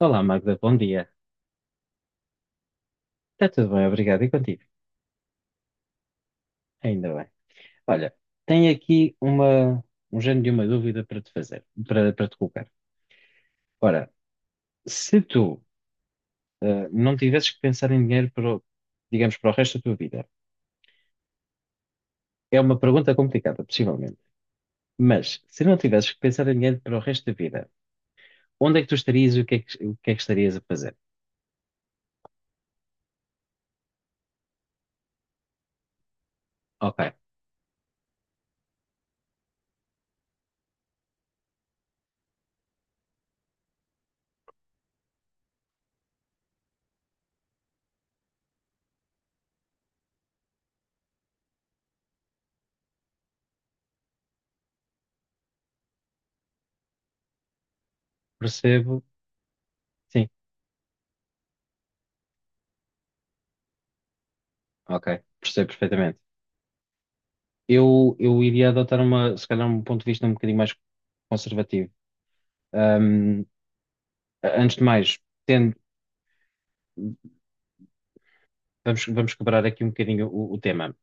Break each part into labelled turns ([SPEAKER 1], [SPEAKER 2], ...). [SPEAKER 1] Olá, Magda, bom dia. Está tudo bem, obrigado. E contigo? Ainda bem. Olha, tenho aqui um género de uma dúvida para te fazer, para te colocar. Ora, se tu não tivesses que pensar em dinheiro para, digamos, para o resto da tua vida, é uma pergunta complicada, possivelmente, mas se não tivesses que pensar em dinheiro para o resto da vida, onde é que tu estarias e o que é que estarias a fazer? Ok, percebo. Sim, ok, percebo perfeitamente. Eu iria adotar uma, se calhar, um ponto de vista um bocadinho mais conservativo. Um, Antes de mais, tendo- vamos quebrar aqui um bocadinho o tema.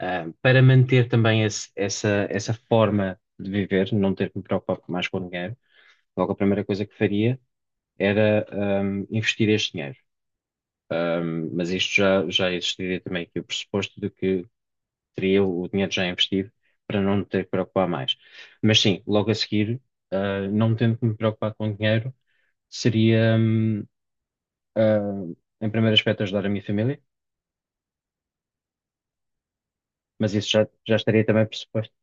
[SPEAKER 1] Para manter também essa forma de viver, não ter que me preocupar mais com o dinheiro, logo a primeira coisa que faria era investir este dinheiro. Mas isto já existiria também aqui o pressuposto de que teria o dinheiro já investido para não me ter que preocupar mais. Mas sim, logo a seguir, não tendo que me preocupar com dinheiro, seria, uh, em primeiro aspecto, ajudar a minha família. Mas isso já estaria também pressuposto.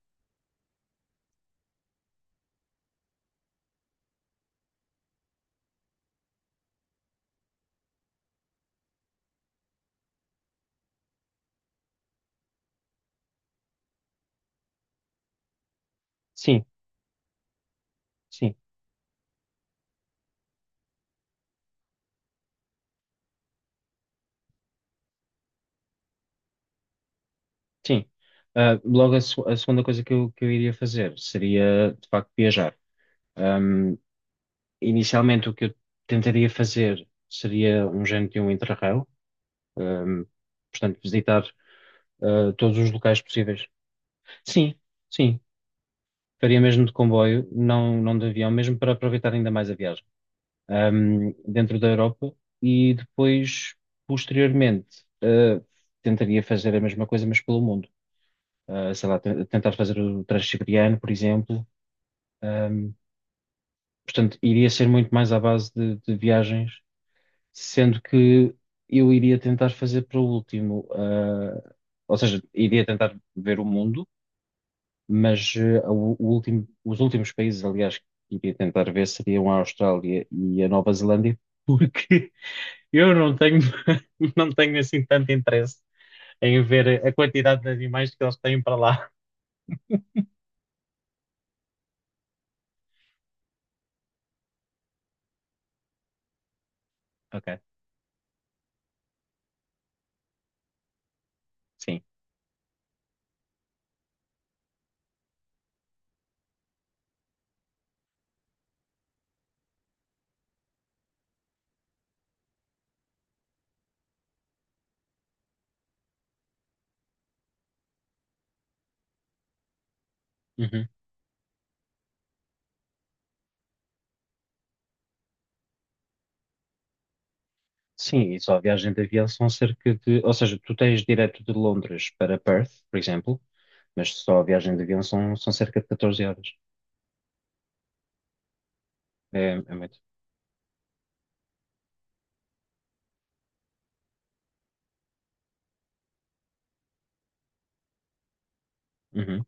[SPEAKER 1] Sim, sim, sim. Logo, a segunda coisa que que eu iria fazer seria, de facto, viajar. Ahm, Inicialmente, o que eu tentaria fazer seria um género de um Interrail, ahm, portanto, visitar, todos os locais possíveis. Sim, sim. Faria mesmo de comboio, não de avião, mesmo para aproveitar ainda mais a viagem, dentro da Europa e depois, posteriormente, tentaria fazer a mesma coisa, mas pelo mundo. Sei lá, tentar fazer o transiberiano, por exemplo. Ahm, Portanto, iria ser muito mais à base de viagens, sendo que eu iria tentar fazer para o último, ou seja, iria tentar ver o mundo, mas o último, os últimos países, aliás, que iria tentar ver seriam a Austrália e a Nova Zelândia, porque eu não tenho, não tenho assim tanto interesse em ver a quantidade de animais que eles têm para lá. Ok, sim. Uhum. Sim, e só a viagem de avião são cerca de. Ou seja, tu tens direto de Londres para Perth, por exemplo, mas só a viagem de avião são, são cerca de 14 horas. É, é muito. Uhum,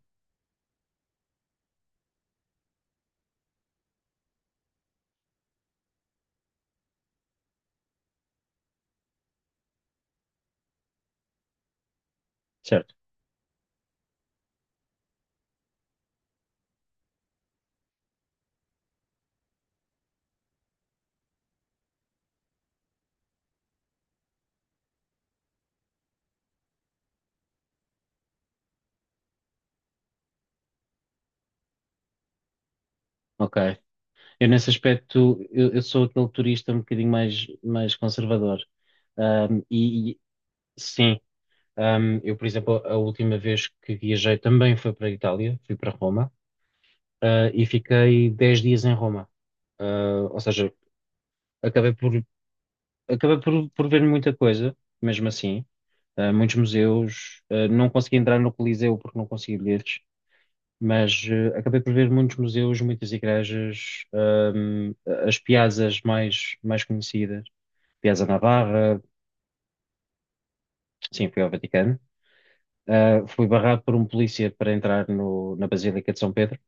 [SPEAKER 1] certo, ok. Eu, nesse aspecto, eu sou aquele turista um bocadinho mais, mais conservador. Ahm, e, e, sim, eu, por exemplo, a última vez que viajei também foi para a Itália, fui para Roma, e fiquei 10 dias em Roma. Ou seja, acabei por acabei por ver muita coisa, mesmo assim. Muitos museus. Não consegui entrar no Coliseu porque não consegui bilhetes, mas acabei por ver muitos museus, muitas igrejas, as piazzas mais, mais conhecidas. Piazza Navarra, sim, fui ao Vaticano. Fui barrado por um polícia para entrar na Basílica de São Pedro.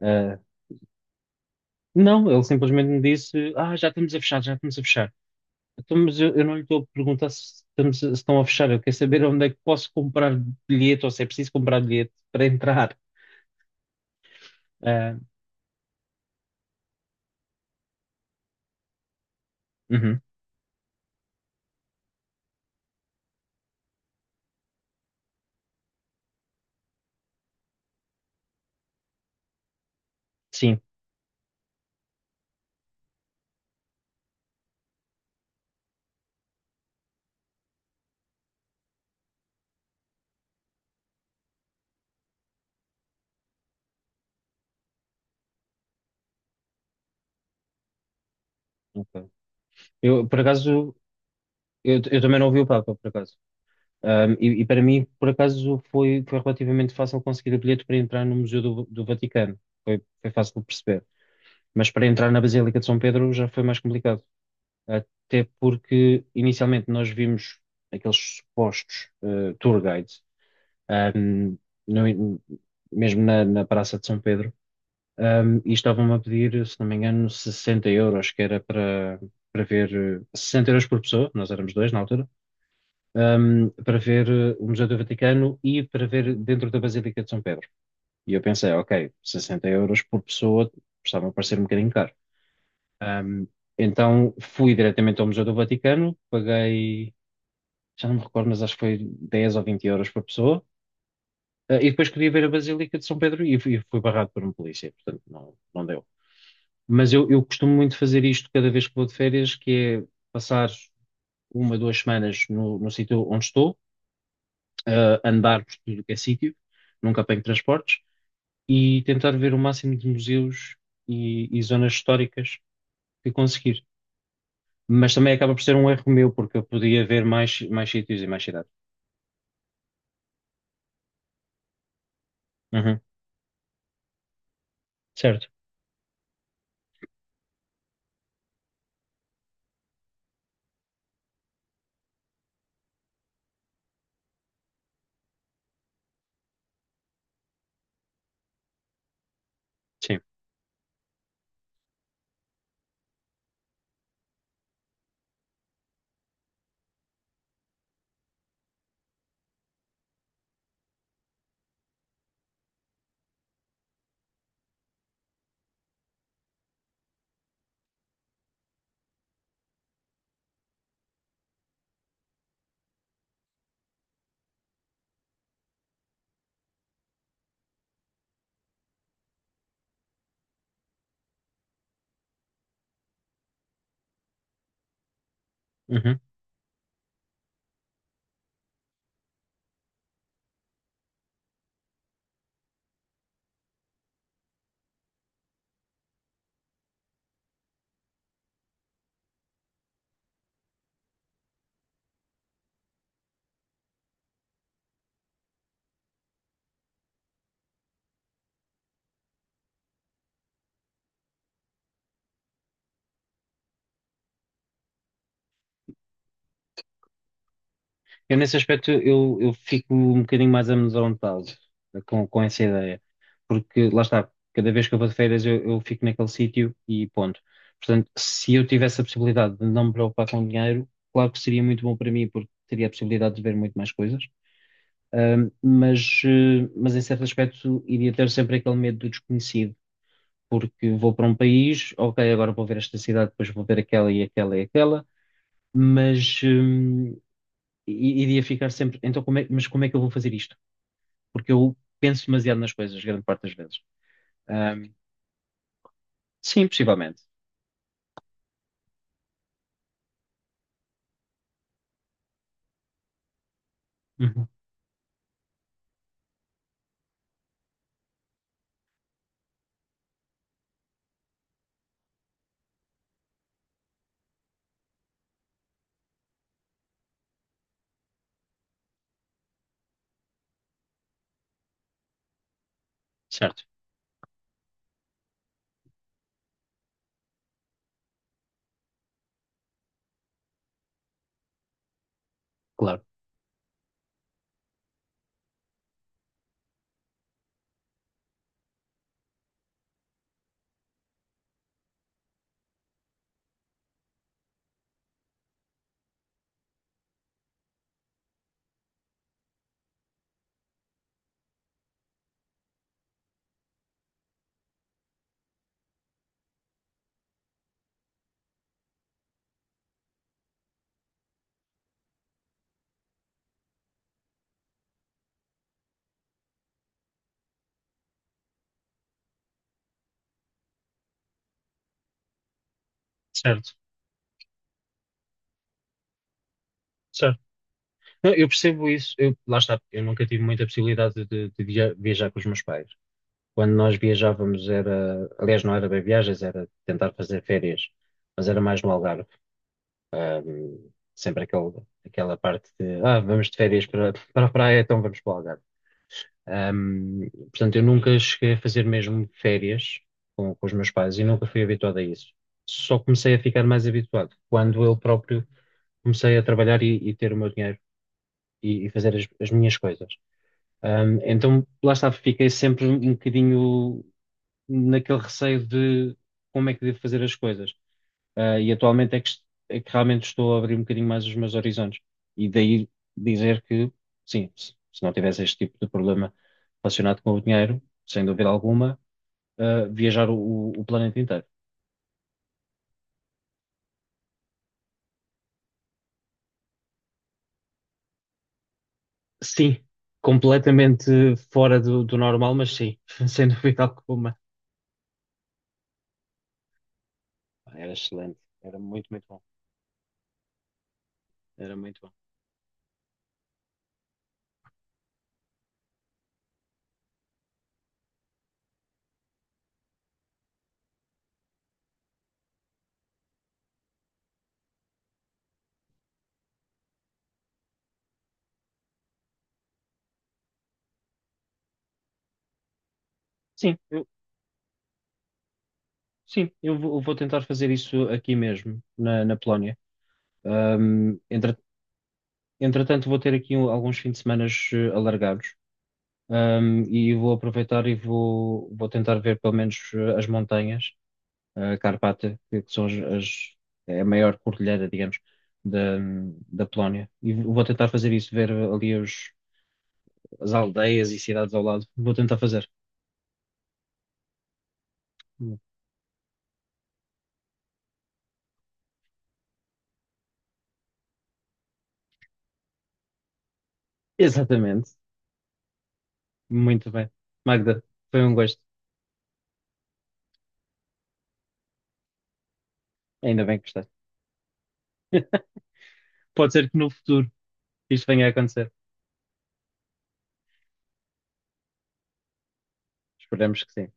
[SPEAKER 1] Uh, não, ele simplesmente me disse: Ah, já estamos a fechar, já estamos a fechar. Então, mas eu não lhe estou a perguntar se, se estão a fechar. Eu quero saber onde é que posso comprar bilhete ou se é preciso comprar bilhete para entrar. Ah, uhum, sim. Ok. Eu, por acaso, eu também não ouvi o Papa, por acaso. E para mim, por acaso, foi, foi relativamente fácil conseguir o bilhete para entrar no Museu do Vaticano. Foi, foi fácil de perceber. Mas para entrar na Basílica de São Pedro já foi mais complicado. Até porque, inicialmente, nós vimos aqueles supostos tour guides, ahm, no- mesmo na Praça de São Pedro, e estavam-me a pedir, se não me engano, 60€, que era para ver, 60€ por pessoa, nós éramos dois na altura, para ver o Museu do Vaticano e para ver dentro da Basílica de São Pedro. E eu pensei, ok, 60€ por pessoa, estava a parecer um bocadinho caro. Ahm, então fui diretamente ao Museu do Vaticano, paguei, já não me recordo, mas acho que foi 10 ou 20€ por pessoa. E depois queria ver a Basílica de São Pedro e fui, fui barrado por um polícia, portanto não, não deu. Mas eu costumo muito fazer isto cada vez que vou de férias, que é passar uma, duas semanas no sítio onde estou, andar por tudo que é sítio, nunca apanho transportes, e tentar ver o máximo de museus e zonas históricas que conseguir. Mas também acaba por ser um erro meu, porque eu podia ver mais, mais sítios e mais cidades. Uhum, certo, sim. Uhum. Eu, nesse aspecto, eu fico um bocadinho mais amedrontado com essa ideia, porque lá está, cada vez que eu vou de férias, eu fico naquele sítio e ponto. Portanto, se eu tivesse a possibilidade de não me preocupar com dinheiro, claro que seria muito bom para mim, porque teria a possibilidade de ver muito mais coisas. Mas, mas em certo aspecto, iria ter sempre aquele medo do desconhecido, porque vou para um país, ok, agora vou ver esta cidade, depois vou ver aquela e aquela e aquela, mas, e iria ficar sempre, então como é, mas como é que eu vou fazer isto? Porque eu penso demasiado nas coisas, grande parte das vezes. Ahm, sim, possivelmente. Uhum, certo, claro. Certo, certo. Não, eu percebo isso. Eu, lá está, eu nunca tive muita possibilidade viajar com os meus pais. Quando nós viajávamos era, aliás, não era bem viagens, era tentar fazer férias, mas era mais no Algarve. Sempre aquele, aquela parte de, ah, vamos de férias para a praia, então vamos para o Algarve. Portanto, eu nunca cheguei a fazer mesmo férias com os meus pais e nunca fui habituado a isso. Só comecei a ficar mais habituado quando eu próprio comecei a trabalhar e ter o meu dinheiro e fazer as minhas coisas. Então, lá está, fiquei sempre um bocadinho naquele receio de como é que devo fazer as coisas. E atualmente é que, é que realmente estou a abrir um bocadinho mais os meus horizontes. E daí dizer que, sim, se não tivesse este tipo de problema relacionado com o dinheiro, sem dúvida alguma, viajar o planeta inteiro. Sim, completamente fora do normal, mas sim, sem dúvida alguma. Era excelente, era muito, muito bom. Era muito bom. Sim, sim, eu vou tentar fazer isso aqui mesmo, na Polónia. Ahm, entre- Entretanto, vou ter aqui alguns fins de semana alargados. E vou aproveitar e vou, vou tentar ver pelo menos as montanhas, a Carpata, que são é a maior cordilheira, digamos, da, da Polónia. E vou tentar fazer isso, ver ali as aldeias e cidades ao lado. Vou tentar fazer. Exatamente. Muito bem. Magda, foi um gosto. Ainda bem que gostaste. Pode ser que no futuro isto venha a acontecer. Esperemos que sim.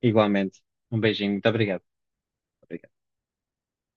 [SPEAKER 1] Igualmente. Um beijinho. Muito obrigado.